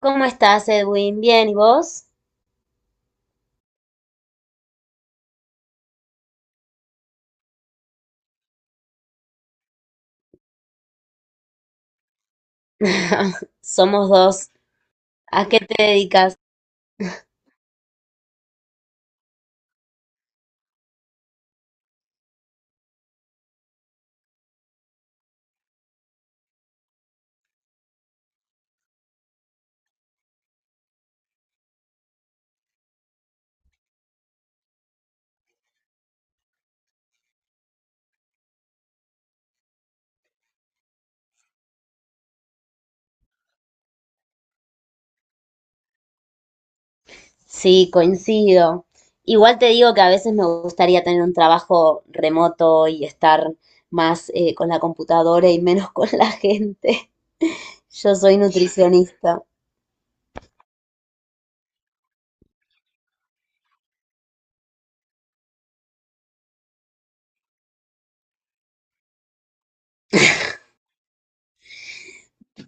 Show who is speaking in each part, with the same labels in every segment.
Speaker 1: ¿Cómo estás, Edwin? Bien, ¿y vos? Somos dos. ¿A qué te dedicas? Sí, coincido. Igual te digo que a veces me gustaría tener un trabajo remoto y estar más con la computadora y menos con la gente. Yo soy nutricionista.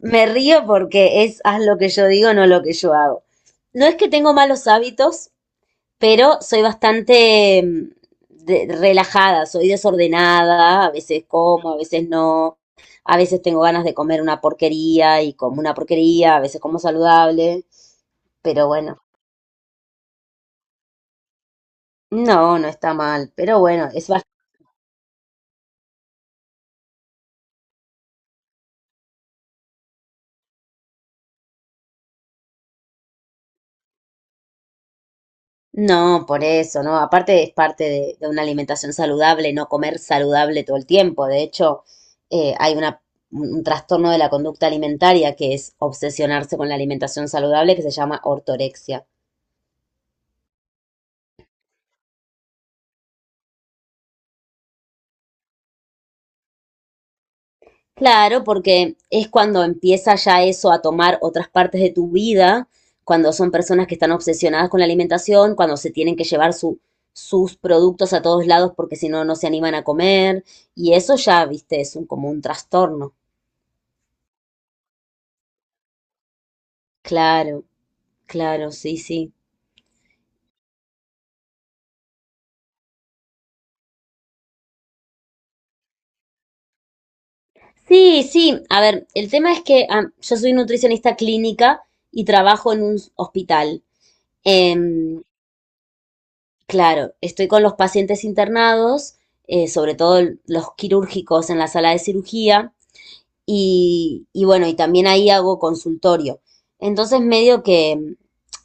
Speaker 1: Me río porque es haz lo que yo digo, no lo que yo hago. No es que tengo malos hábitos, pero soy bastante relajada, soy desordenada, a veces como, a veces no, a veces tengo ganas de comer una porquería y como una porquería, a veces como saludable, pero bueno, no, no está mal, pero bueno, es bastante. No, por eso, ¿no? Aparte es parte de una alimentación saludable, no comer saludable todo el tiempo. De hecho, hay un trastorno de la conducta alimentaria que es obsesionarse con la alimentación saludable que se llama ortorexia. Claro, porque es cuando empieza ya eso a tomar otras partes de tu vida, cuando son personas que están obsesionadas con la alimentación, cuando se tienen que llevar sus productos a todos lados porque si no, no se animan a comer. Y eso ya, viste, es como un trastorno. Claro, claro, sí, sí. Sí, sí. A ver, el tema es que yo soy nutricionista clínica y trabajo en un hospital. Em, Claro, estoy con los pacientes internados, sobre todo los quirúrgicos en la sala de cirugía, y bueno, y también ahí hago consultorio. Entonces medio que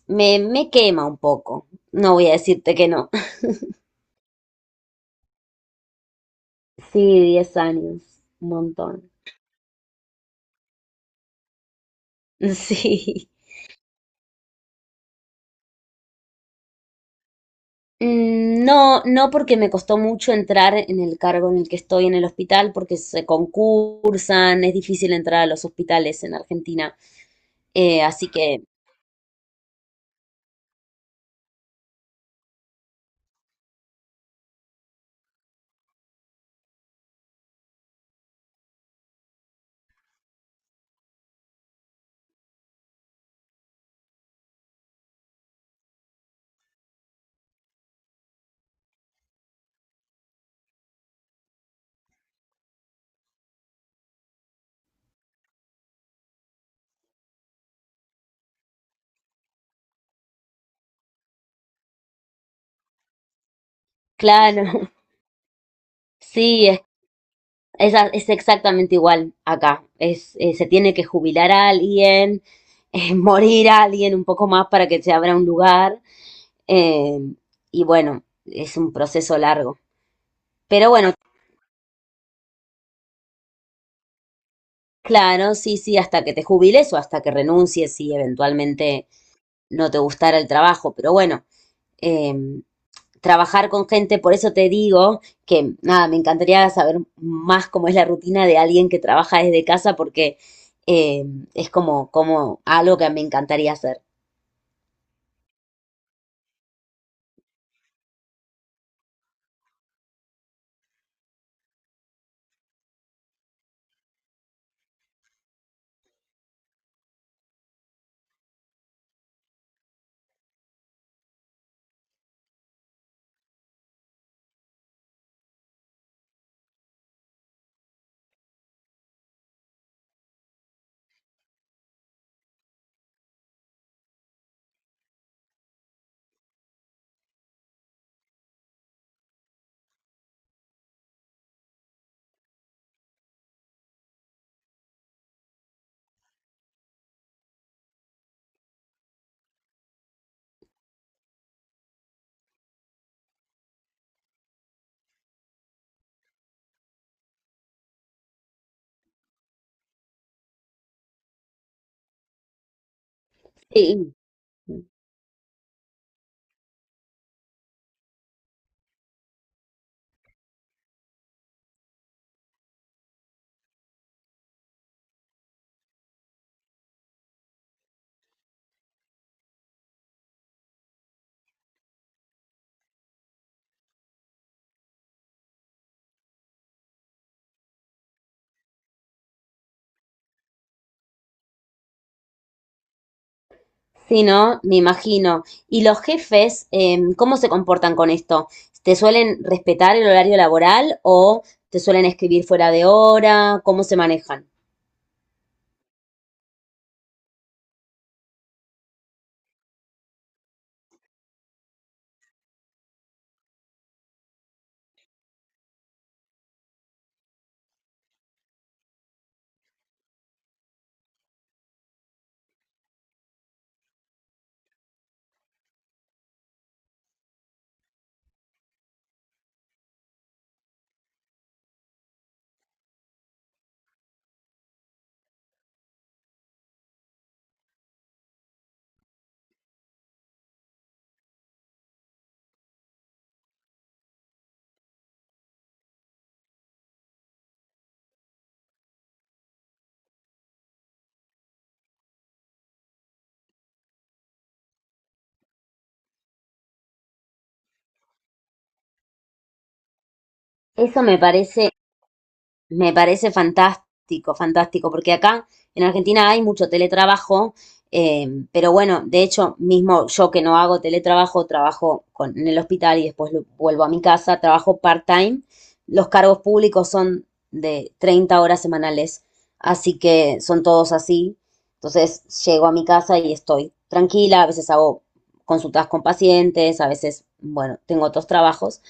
Speaker 1: me quema un poco, no voy a decirte que no. Sí, 10 años, un montón. Sí. No, no porque me costó mucho entrar en el cargo en el que estoy en el hospital, porque se concursan, es difícil entrar a los hospitales en Argentina. Así que, claro. Sí, es es exactamente igual acá. Es, se tiene que jubilar a alguien, morir a alguien un poco más para que se abra un lugar. eh, y bueno, es un proceso largo. Pero bueno, claro, sí, sí, hasta que te jubiles o hasta que renuncies y eventualmente no te gustara el trabajo. Pero bueno, eh, trabajar con gente, por eso te digo que nada, me encantaría saber más cómo es la rutina de alguien que trabaja desde casa porque eh, es como, como algo que me encantaría hacer. Sí, sí, ¿no? Me imagino. ¿Y los jefes, cómo se comportan con esto? ¿Te suelen respetar el horario laboral o te suelen escribir fuera de hora? ¿Cómo se manejan? Eso me parece. Me parece fantástico, fantástico, porque acá en Argentina hay mucho teletrabajo, pero bueno, de hecho, mismo yo que no hago teletrabajo, trabajo con, en el hospital y después vuelvo a mi casa, trabajo part-time. Los cargos públicos son de 30 horas semanales, así que son todos así. Entonces, llego a mi casa y estoy tranquila, a veces hago consultas con pacientes, a veces, bueno, tengo otros trabajos.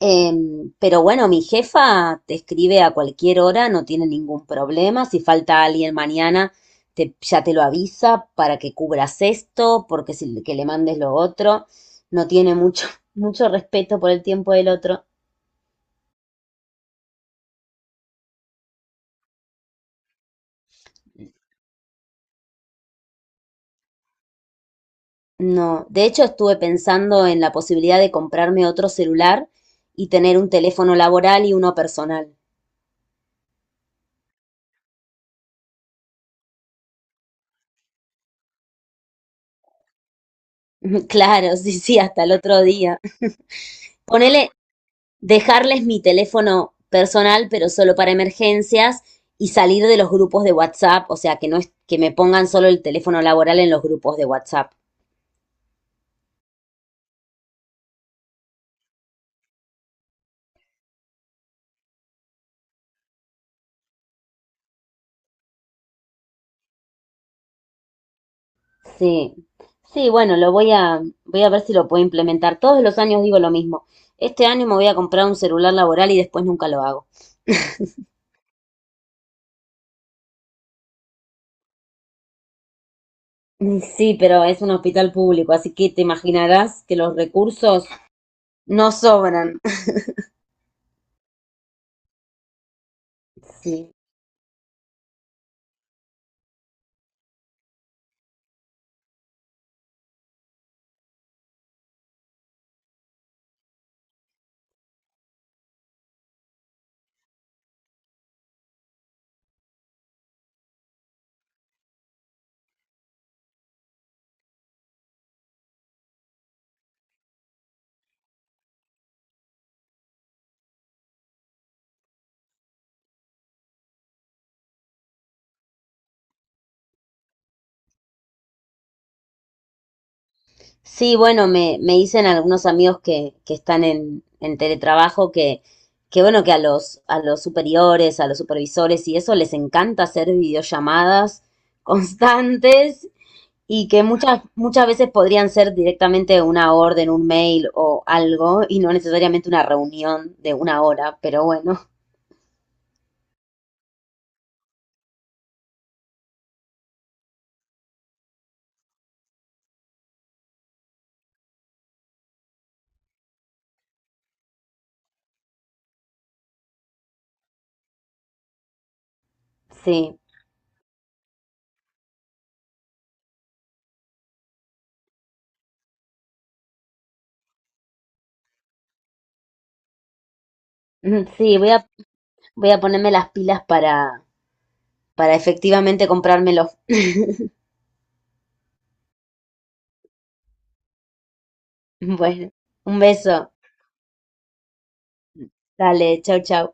Speaker 1: Pero bueno, mi jefa te escribe a cualquier hora, no tiene ningún problema. Si falta alguien mañana, ya te lo avisa para que cubras esto, porque si que le mandes lo otro, no tiene mucho, mucho respeto por el tiempo del otro. No, de hecho estuve pensando en la posibilidad de comprarme otro celular y tener un teléfono laboral y uno personal. Claro, sí, sí, hasta el otro día. Ponele, dejarles mi teléfono personal, pero solo para emergencias, y salir de los grupos de WhatsApp, o sea, que no es que me pongan solo el teléfono laboral en los grupos de WhatsApp. Sí. Sí, bueno, lo voy a ver si lo puedo implementar. Todos los años digo lo mismo. Este año me voy a comprar un celular laboral y después nunca lo hago. Sí, pero es un hospital público, así que te imaginarás que los recursos no sobran. Sí. Sí, bueno, me dicen algunos amigos que están en teletrabajo que bueno, que a los superiores, a los supervisores y eso les encanta hacer videollamadas constantes y que muchas, muchas veces podrían ser directamente una orden, un mail o algo y no necesariamente una reunión de 1 hora, pero bueno, sí. Sí, voy a, voy a ponerme las pilas para efectivamente comprármelos. Bueno, un beso, dale, chau, chau.